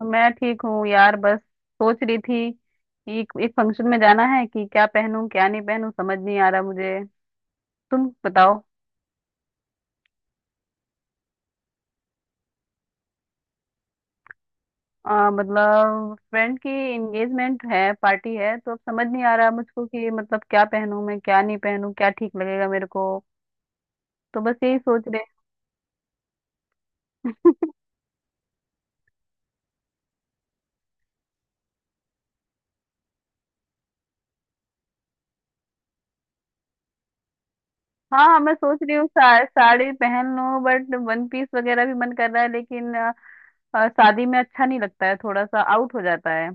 तो मैं ठीक हूँ यार, बस सोच रही थी एक एक फंक्शन में जाना है कि क्या पहनूं, क्या नहीं पहनूं, समझ नहीं आ रहा मुझे। तुम बताओ। मतलब फ्रेंड की एंगेजमेंट है, पार्टी है, तो अब समझ नहीं आ रहा मुझको कि मतलब क्या पहनूं मैं, क्या नहीं पहनूं, क्या ठीक लगेगा मेरे को। तो बस यही सोच रहे। हाँ हाँ, मैं सोच रही हूँ साड़ी पहन लूं, बट वन पीस वगैरह भी मन कर रहा है, लेकिन आ, आ, शादी में अच्छा नहीं लगता है, थोड़ा सा आउट हो जाता है।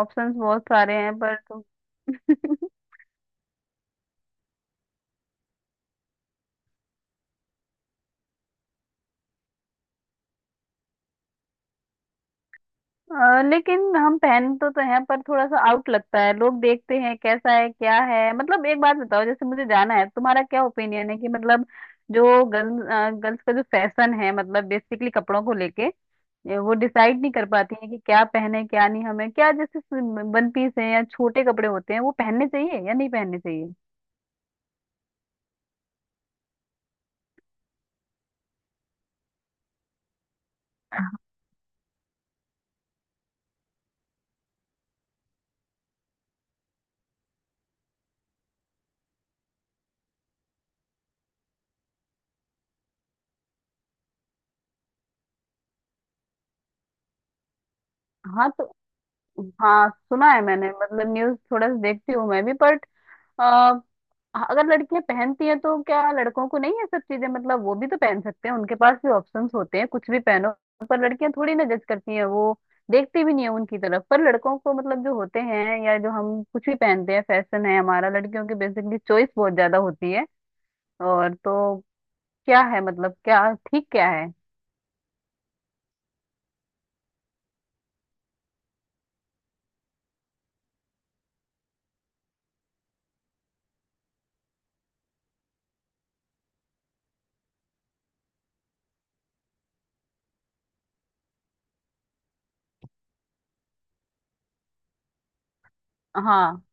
ऑप्शंस बहुत सारे हैं पर। लेकिन हम पहन तो हैं पर थोड़ा सा आउट लगता है, लोग देखते हैं कैसा है क्या है। मतलब एक बात बताओ, जैसे मुझे जाना है, तुम्हारा क्या ओपिनियन है कि मतलब जो गर्ल्स का जो फैशन है, मतलब बेसिकली कपड़ों को लेके ये वो डिसाइड नहीं कर पाती है कि क्या पहने क्या नहीं, हमें क्या जैसे वन पीस है या छोटे कपड़े होते हैं वो पहनने चाहिए या नहीं पहनने चाहिए। हाँ तो हाँ, सुना है मैंने, मतलब न्यूज थोड़ा सा देखती हूँ मैं भी, बट हाँ, अगर लड़कियां पहनती हैं तो क्या लड़कों को नहीं है सब चीजें, मतलब वो भी तो पहन सकते हैं, उनके पास भी ऑप्शंस होते हैं, कुछ भी पहनो। पर लड़कियां थोड़ी ना जज करती हैं, वो देखती भी नहीं है उनकी तरफ, पर लड़कों को मतलब जो होते हैं या जो हम कुछ भी पहनते हैं, फैशन है हमारा, लड़कियों की बेसिकली चॉइस बहुत ज्यादा होती है। और तो क्या है, मतलब क्या ठीक क्या है। हाँ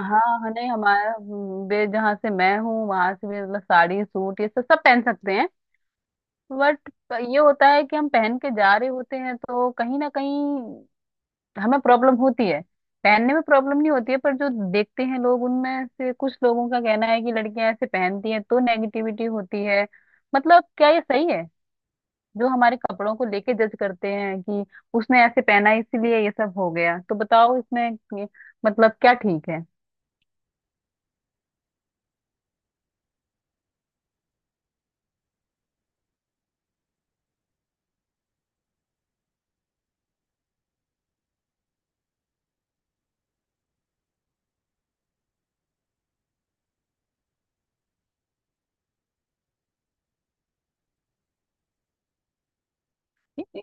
हाँ, हाँ, नहीं हमारा बे जहाँ से मैं हूँ वहां से भी मतलब साड़ी सूट ये सब सब पहन सकते हैं। बट ये होता है कि हम पहन के जा रहे होते हैं तो कहीं ना कहीं हमें प्रॉब्लम होती है। पहनने में प्रॉब्लम नहीं होती है, पर जो देखते हैं लोग उनमें से कुछ लोगों का कहना है कि लड़कियां ऐसे पहनती हैं तो नेगेटिविटी होती है। मतलब क्या ये सही है, जो हमारे कपड़ों को लेके जज करते हैं कि उसने ऐसे पहना है, इसीलिए ये सब हो गया, तो बताओ इसमें ये- मतलब क्या ठीक है।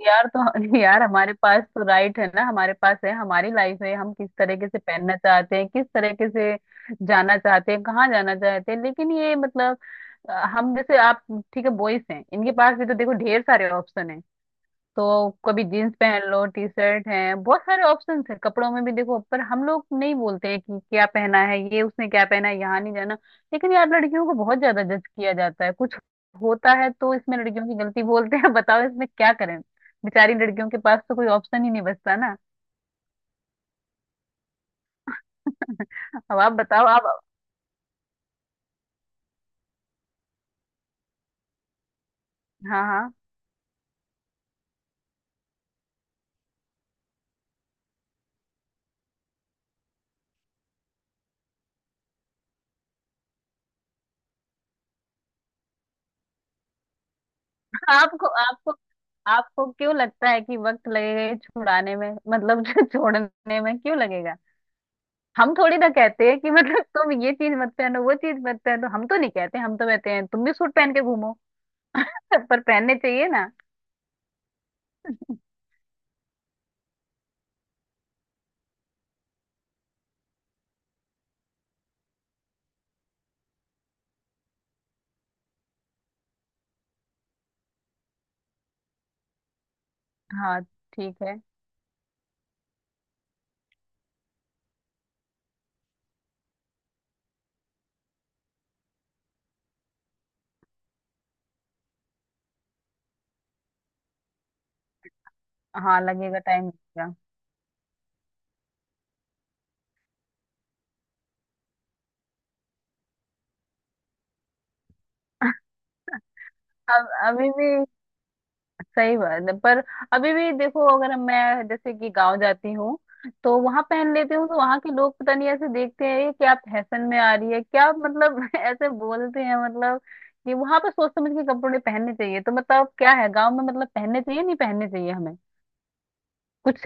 यार तो यार हमारे पास तो राइट है ना, हमारे पास है, हमारी लाइफ है, हम किस तरीके से पहनना चाहते हैं, किस तरीके से जाना चाहते हैं, कहाँ जाना चाहते हैं। लेकिन ये मतलब हम जैसे आप ठीक है बॉयज हैं, इनके पास भी तो देखो ढेर सारे ऑप्शन है। तो कभी जीन्स पहन लो, टी शर्ट है, बहुत सारे ऑप्शन है कपड़ों में भी देखो। पर हम लोग नहीं बोलते हैं कि क्या पहना है ये, उसने क्या पहना है, यहाँ नहीं जाना। लेकिन यार लड़कियों को बहुत ज्यादा जज किया जाता है, कुछ होता है तो इसमें लड़कियों की गलती बोलते हैं। बताओ इसमें क्या करें, बेचारी लड़कियों के पास तो कोई ऑप्शन ही नहीं बचता ना। अब आप बताओ आप। हाँ हाँ, आपको आपको आपको क्यों लगता है कि वक्त लगेगा ये छुड़ाने में, मतलब छोड़ने में क्यों लगेगा। हम थोड़ी ना कहते हैं कि मतलब तुम ये चीज मत पहनो, वो चीज मत पहनो, हम तो नहीं कहते, हम तो कहते हैं तुम भी सूट पहन के घूमो। पर पहनने चाहिए ना। हाँ ठीक है, हाँ लगेगा टाइम लगेगा। अब अभी भी सही बात है, पर अभी भी देखो अगर मैं जैसे कि गांव जाती हूँ तो वहां पहन लेती हूँ तो वहां के लोग पता नहीं ऐसे देखते हैं ये क्या फैशन में आ रही है क्या, मतलब ऐसे बोलते हैं मतलब कि वहां पे सोच समझ के कपड़े पहनने चाहिए। तो मतलब क्या है, गांव में मतलब पहनने चाहिए नहीं पहनने चाहिए हमें कुछ।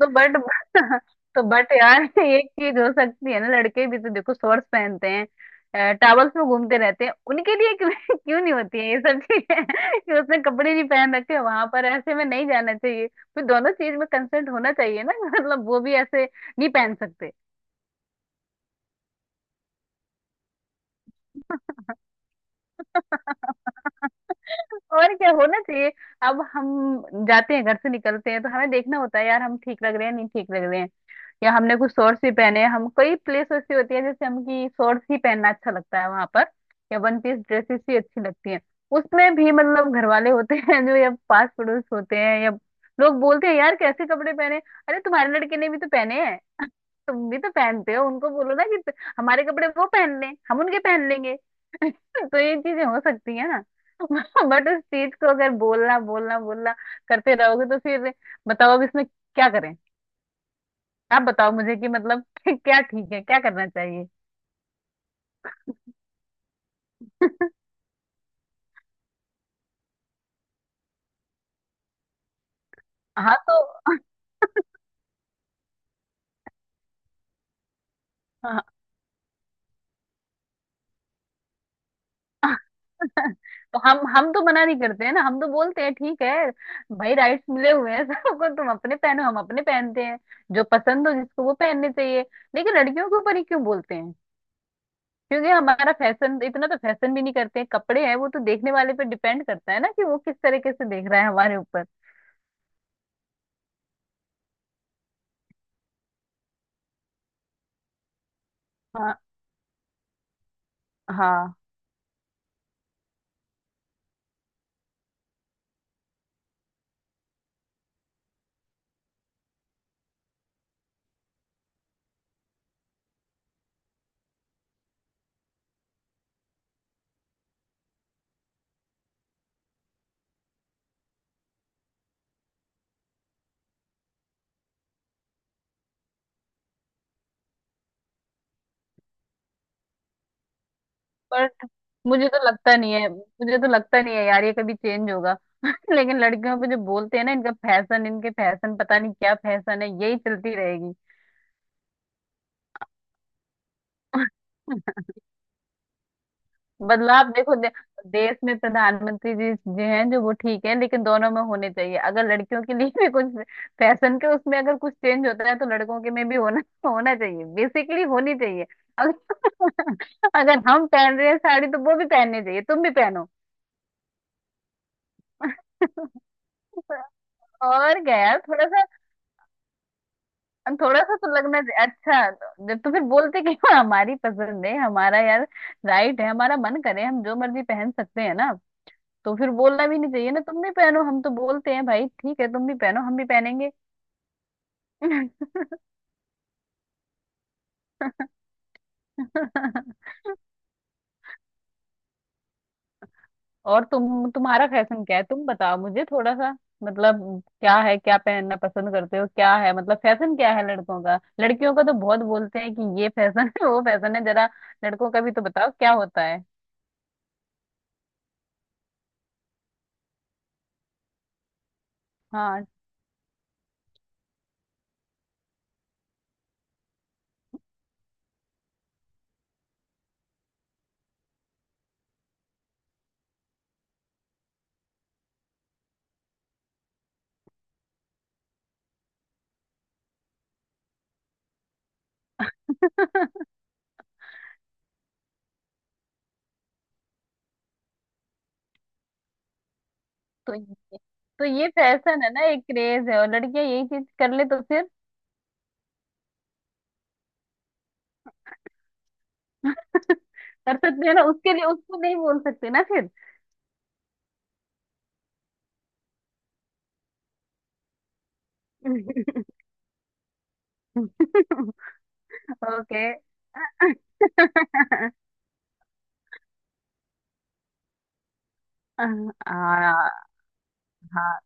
तो बट तो बट यार एक चीज हो सकती है ना, लड़के भी तो देखो शॉर्ट्स पहनते हैं, टॉवल्स में घूमते रहते हैं, उनके लिए क्यों क्यों नहीं होती है ये सब चीजें। कि उसने कपड़े नहीं पहन रखे वहां पर, ऐसे में नहीं जाना चाहिए, फिर दोनों चीज में कंसेंट होना चाहिए ना। मतलब वो भी ऐसे नहीं पहन सकते। और क्या होना चाहिए, अब हम जाते हैं घर से निकलते हैं तो हमें देखना होता है यार हम ठीक लग रहे हैं नहीं ठीक लग रहे हैं, या हमने कुछ शॉर्ट्स भी पहने हैं, हम कई प्लेस ऐसी होती है जैसे हम की शॉर्ट्स ही पहनना अच्छा लगता है वहां पर, या वन पीस ड्रेसेस ही अच्छी लगती हैं। उसमें भी मतलब घर वाले होते हैं जो या पास पड़ोस होते हैं या लोग बोलते हैं यार कैसे कपड़े पहने, अरे तुम्हारे लड़के ने भी तो पहने हैं, तुम भी तो पहनते हो, उनको बोलो ना कि हमारे कपड़े वो पहन लें, हम उनके पहन लेंगे। तो ये चीजें हो सकती है ना। बट उस चीज को अगर बोलना बोलना बोलना करते रहोगे तो फिर बताओ अब इसमें क्या करें। आप बताओ मुझे कि मतलब क्या ठीक है, क्या करना चाहिए। हाँ तो हाँ, तो हम तो मना नहीं करते हैं ना, हम तो बोलते हैं ठीक है भाई, राइट्स मिले हुए हैं सबको, तुम अपने पहनो हम अपने पहनते हैं, जो पसंद हो जिसको वो पहनने चाहिए। लेकिन लड़कियों के ऊपर ही क्यों बोलते हैं, क्योंकि हमारा फैशन इतना तो फैशन भी नहीं करते हैं, कपड़े हैं, वो तो देखने वाले पे डिपेंड करता है ना कि वो किस तरीके से देख रहा है हमारे ऊपर। हाँ हाँ, बट मुझे तो लगता नहीं है, मुझे तो लगता नहीं है यार ये कभी चेंज होगा। लेकिन लड़कियों पे जो बोलते हैं ना, इनका फैशन, इनके फैशन पता नहीं क्या फैशन है, यही चलती रहेगी। बदलाव देखो देश में प्रधानमंत्री जी जो हैं जो वो ठीक है, लेकिन दोनों में होने चाहिए। अगर लड़कियों के लिए भी कुछ फैशन के उसमें अगर कुछ चेंज होता है तो लड़कों के में भी होना होना चाहिए, बेसिकली होनी चाहिए। अगर अगर हम पहन रहे हैं साड़ी तो वो भी पहननी चाहिए, तुम भी पहनो। और क्या यार, थोड़ा सा तो लगना चाहिए। अच्छा, तो फिर बोलते कि हाँ, हमारी पसंद है, हमारा यार राइट है, हमारा मन करे हम जो मर्जी पहन सकते हैं ना। तो फिर बोलना भी नहीं चाहिए ना, तुम भी पहनो हम तो बोलते हैं भाई ठीक है, तुम भी पहनो हम भी पहनेंगे। और तुम्हारा फैशन क्या है, तुम बताओ मुझे थोड़ा सा, मतलब क्या है, क्या पहनना पसंद करते हो, क्या है मतलब फैशन क्या है। लड़कों का लड़कियों का तो बहुत बोलते हैं कि ये फैशन है वो फैशन है, जरा लड़कों का भी तो बताओ क्या होता है। हाँ तो ये तो ये फैशन है ना, एक क्रेज है, और लड़कियां यही चीज कर ले तो फिर। कर सकते हैं ना, उसके लिए उसको नहीं बोल सकते ना फिर। ओके। हाँ हाँ,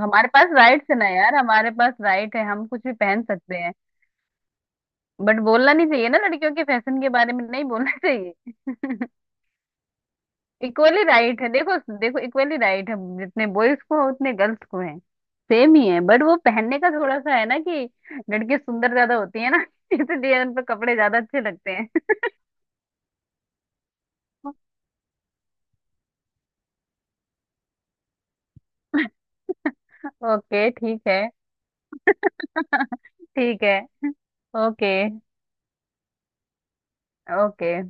हमारे पास राइट्स है ना यार, हमारे पास राइट है, हम कुछ भी पहन सकते हैं। बट बोलना नहीं चाहिए ना, लड़कियों के फैशन के बारे में नहीं बोलना चाहिए। इक्वली राइट है, देखो देखो इक्वली राइट है, जितने बॉयज को है उतने गर्ल्स को है, सेम ही है। बट वो पहनने का थोड़ा सा है ना कि लड़के सुंदर ज्यादा होती है ना इसलिए उन पर कपड़े ज्यादा अच्छे लगते हैं। ओके, ठीक है। ठीक है। ओके। ओके।